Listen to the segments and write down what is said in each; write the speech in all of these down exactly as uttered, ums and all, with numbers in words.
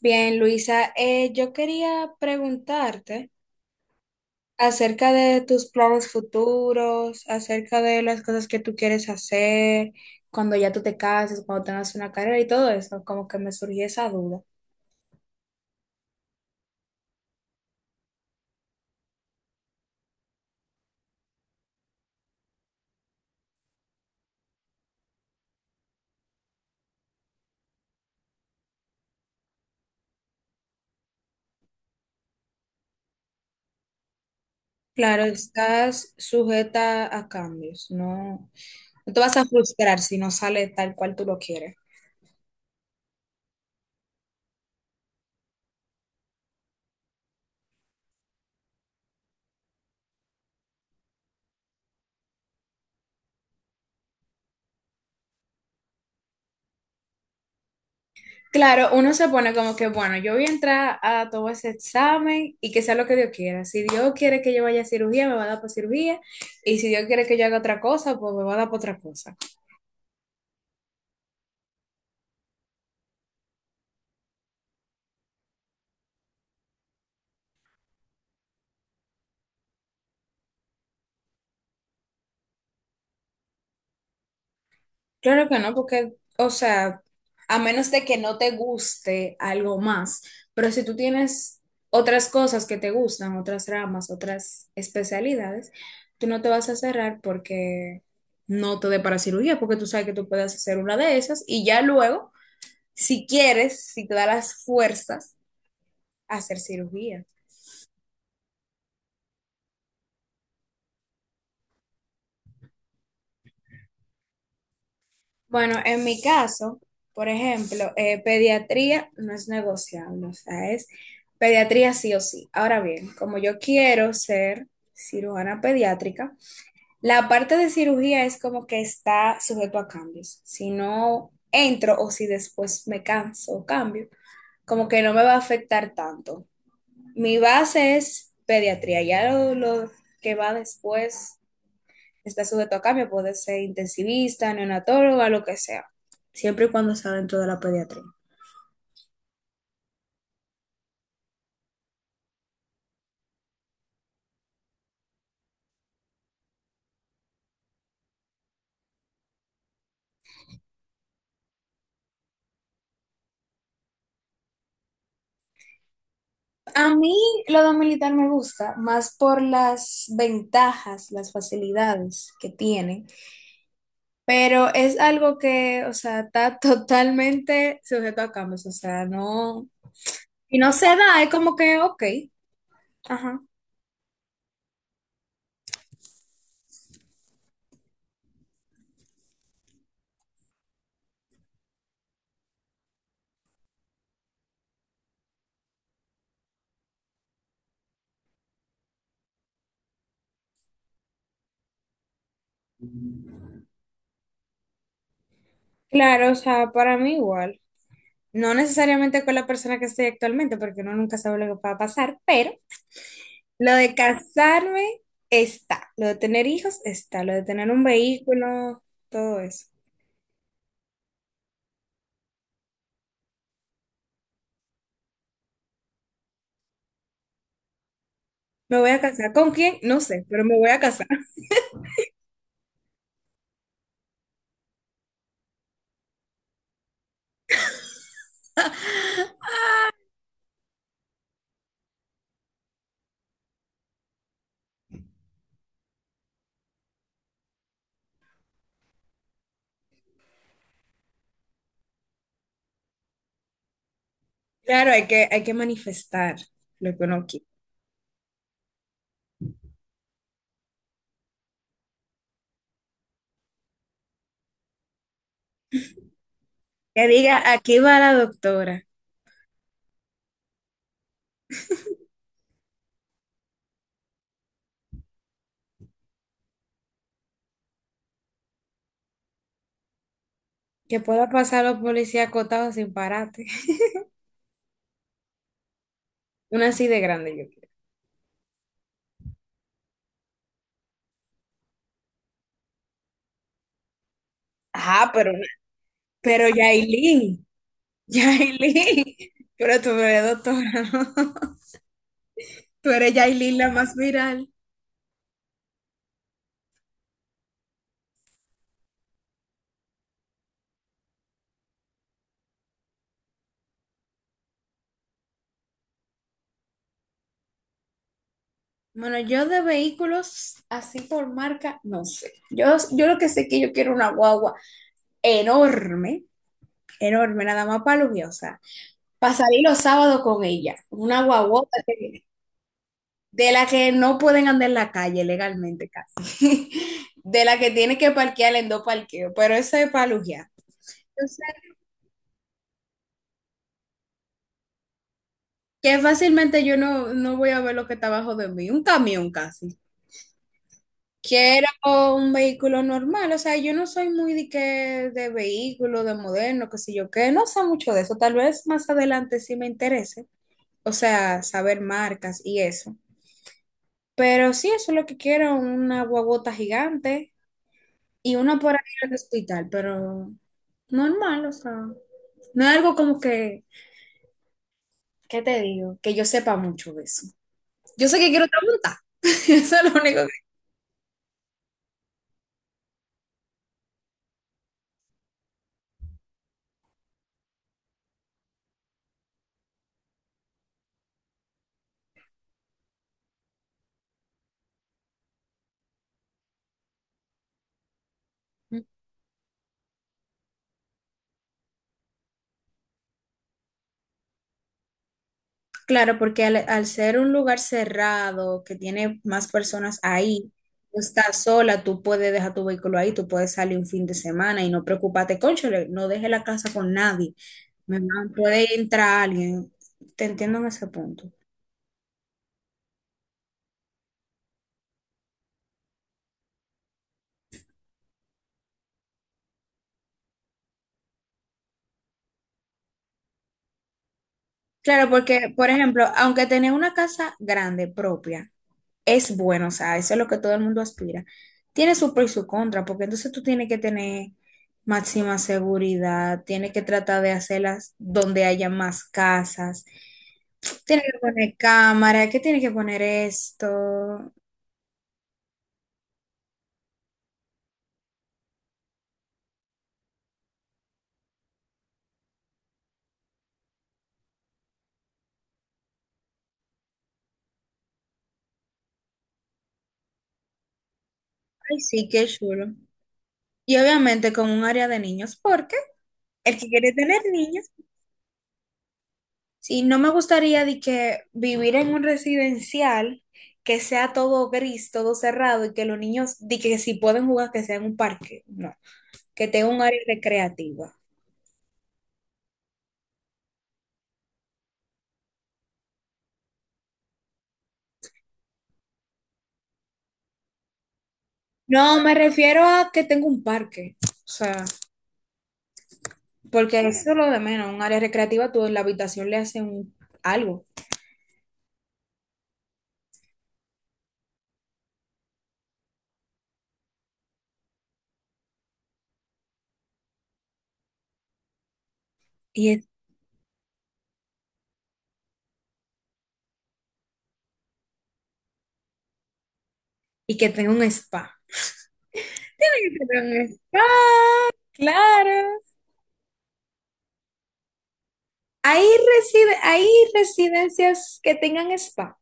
Bien, Luisa, eh, yo quería preguntarte acerca de tus planes futuros, acerca de las cosas que tú quieres hacer, cuando ya tú te cases, cuando tengas una carrera y todo eso, como que me surgió esa duda. Claro, estás sujeta a cambios, no, no te vas a frustrar si no sale tal cual tú lo quieres. Claro, uno se pone como que, bueno, yo voy a entrar a todo ese examen y que sea lo que Dios quiera. Si Dios quiere que yo vaya a cirugía, me va a dar por cirugía. Y si Dios quiere que yo haga otra cosa, pues me va a dar por otra cosa. Claro que no, porque, o sea, a menos de que no te guste algo más, pero si tú tienes otras cosas que te gustan, otras ramas, otras especialidades, tú no te vas a cerrar porque no te dé para cirugía, porque tú sabes que tú puedes hacer una de esas y ya luego si quieres, si te da las fuerzas, hacer cirugía. Bueno, en mi caso, por ejemplo, eh, pediatría no es negociable, o sea, es pediatría sí o sí. Ahora bien, como yo quiero ser cirujana pediátrica, la parte de cirugía es como que está sujeto a cambios. Si no entro o si después me canso o cambio, como que no me va a afectar tanto. Mi base es pediatría, ya lo, lo que va después está sujeto a cambio, puede ser intensivista, neonatóloga, lo que sea, siempre y cuando sea dentro de la pediatría. A mí lo de militar me gusta más por las ventajas, las facilidades que tiene, pero es algo que, o sea, está totalmente sujeto a cambios, o sea, no, y no se da, es como que, ok, ajá, claro, o sea, para mí igual, no necesariamente con la persona que estoy actualmente, porque uno nunca sabe lo que va a pasar, pero lo de casarme está, lo de tener hijos está, lo de tener un vehículo, todo eso. Me voy a casar. ¿Con quién? No sé, pero me voy a casar. Claro, hay que, hay que manifestar lo que uno quiere. Que diga, aquí va la doctora. Que pueda pasar los policías acotados sin parate. Una así de grande, yo quiero. Ajá, pero, pero Yailin, Yailin. Pero tú no eres doctora, ¿no? Tú eres Yailin la más viral. Bueno, yo de vehículos así por marca, no sé. Yo, yo lo que sé es que yo quiero una guagua enorme, enorme, nada más para los días, o sea, para salir los sábados con ella. Una guagua de la que no pueden andar en la calle legalmente casi. De la que tiene que parquear en dos parqueos, pero esa es para lujear. Yo sé que fácilmente yo no, no voy a ver lo que está abajo de mí, un camión casi. Quiero un vehículo normal, o sea, yo no soy muy de, que, de vehículo, de moderno, qué sé yo que no sé mucho de eso, tal vez más adelante sí me interese, o sea, saber marcas y eso, pero sí, eso es lo que quiero, una guagota gigante y una para ir al hospital, pero normal, o sea, no es algo como que, ¿qué te digo? Que yo sepa mucho de eso. Yo sé que quiero otra monta, eso es lo único. Claro, porque al, al ser un lugar cerrado que tiene más personas ahí, tú estás sola, tú puedes dejar tu vehículo ahí, tú puedes salir un fin de semana y no preocuparte, cónchale, no deje la casa con nadie, mi mamá, puede entrar alguien, te entiendo en ese punto. Claro, porque, por ejemplo, aunque tenía una casa grande propia, es bueno, o sea, eso es lo que todo el mundo aspira. Tiene su pro y su contra, porque entonces tú tienes que tener máxima seguridad, tienes que tratar de hacerlas donde haya más casas, tienes que poner cámara, que tienes que poner esto. Ay, sí, qué chulo. Y obviamente con un área de niños, porque el que quiere tener niños, sí, no me gustaría de que vivir en un residencial que sea todo gris, todo cerrado y que los niños, de que si pueden jugar, que sea en un parque. No. Que tenga un área recreativa. No, me refiero a que tenga un parque. O sea, porque eso es lo de menos. Un área recreativa, tú en la habitación le hacen un- algo. Y, es- y que tenga un spa. Tiene que tener un spa, claro. Hay, reside, hay residencias que tengan spa.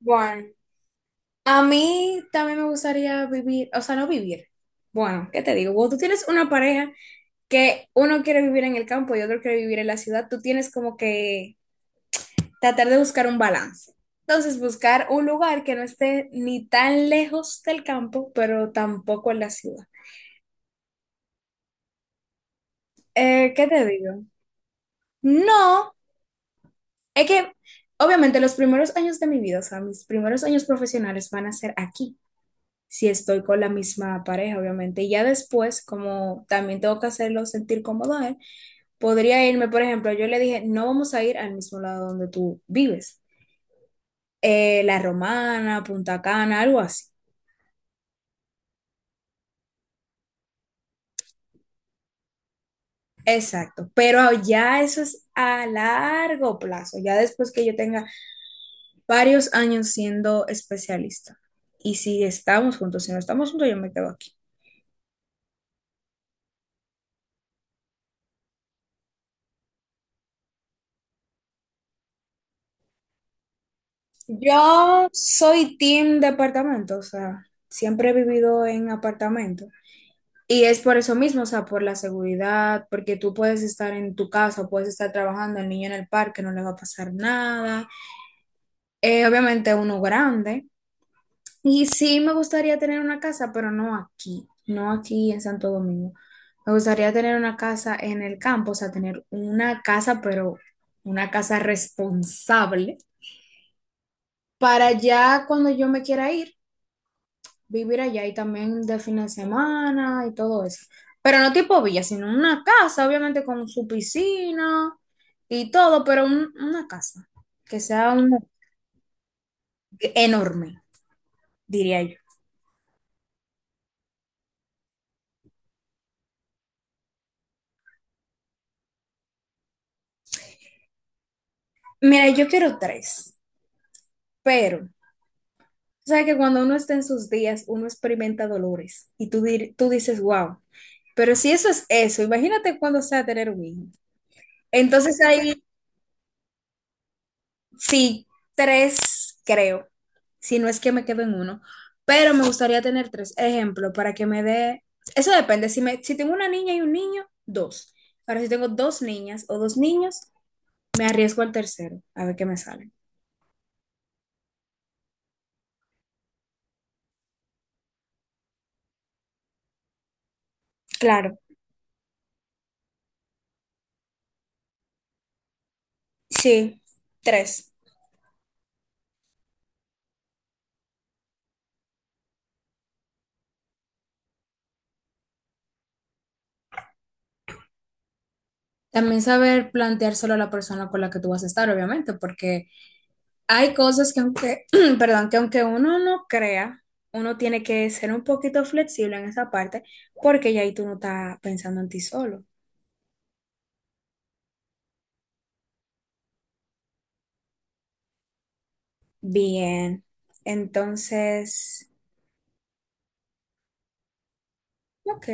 Bueno, a mí también me gustaría vivir, o sea, no vivir. Bueno, ¿qué te digo? Cuando tú tienes una pareja que uno quiere vivir en el campo y otro quiere vivir en la ciudad, tú tienes como que tratar de buscar un balance. Entonces, buscar un lugar que no esté ni tan lejos del campo, pero tampoco en la ciudad. Eh, ¿qué te digo? No, es que obviamente los primeros años de mi vida, o sea, mis primeros años profesionales van a ser aquí, si estoy con la misma pareja, obviamente. Y ya después, como también tengo que hacerlo sentir cómodo a él, podría irme, por ejemplo, yo le dije, no vamos a ir al mismo lado donde tú vives, eh, La Romana, Punta Cana, algo así. Exacto, pero ya eso es a largo plazo, ya después que yo tenga varios años siendo especialista. Y si estamos juntos, si no estamos juntos, yo me quedo aquí. Yo soy team departamento, o sea, siempre he vivido en apartamento. Y es por eso mismo, o sea, por la seguridad, porque tú puedes estar en tu casa, puedes estar trabajando, el niño en el parque, no le va a pasar nada. Eh, obviamente uno grande, y sí me gustaría tener una casa, pero no aquí, no aquí en Santo Domingo. Me gustaría tener una casa en el campo, o sea, tener una casa, pero una casa responsable, para ya cuando yo me quiera ir, vivir allá y también de fin de semana y todo eso. Pero no tipo villa, sino una casa, obviamente con su piscina y todo, pero un- una casa que sea un- enorme, diría yo. Mira, yo quiero tres, pero... O sea que cuando uno está en sus días, uno experimenta dolores y tú, dir- tú dices, wow, pero si eso es eso, imagínate cuando sea tener un hijo. Entonces hay sí, tres creo, si no es que me quedo en uno, pero me gustaría tener tres ejemplos para que me dé, eso depende, si, me, si tengo una niña y un niño, dos. Ahora si tengo dos niñas o dos niños, me arriesgo al tercero, a ver qué me sale. Claro, sí, tres. También saber planteárselo a la persona con la que tú vas a estar, obviamente, porque hay cosas que aunque, perdón, que aunque uno no crea, uno tiene que ser un poquito flexible en esa parte, porque ya ahí tú no estás pensando en ti solo. Bien, entonces, ok.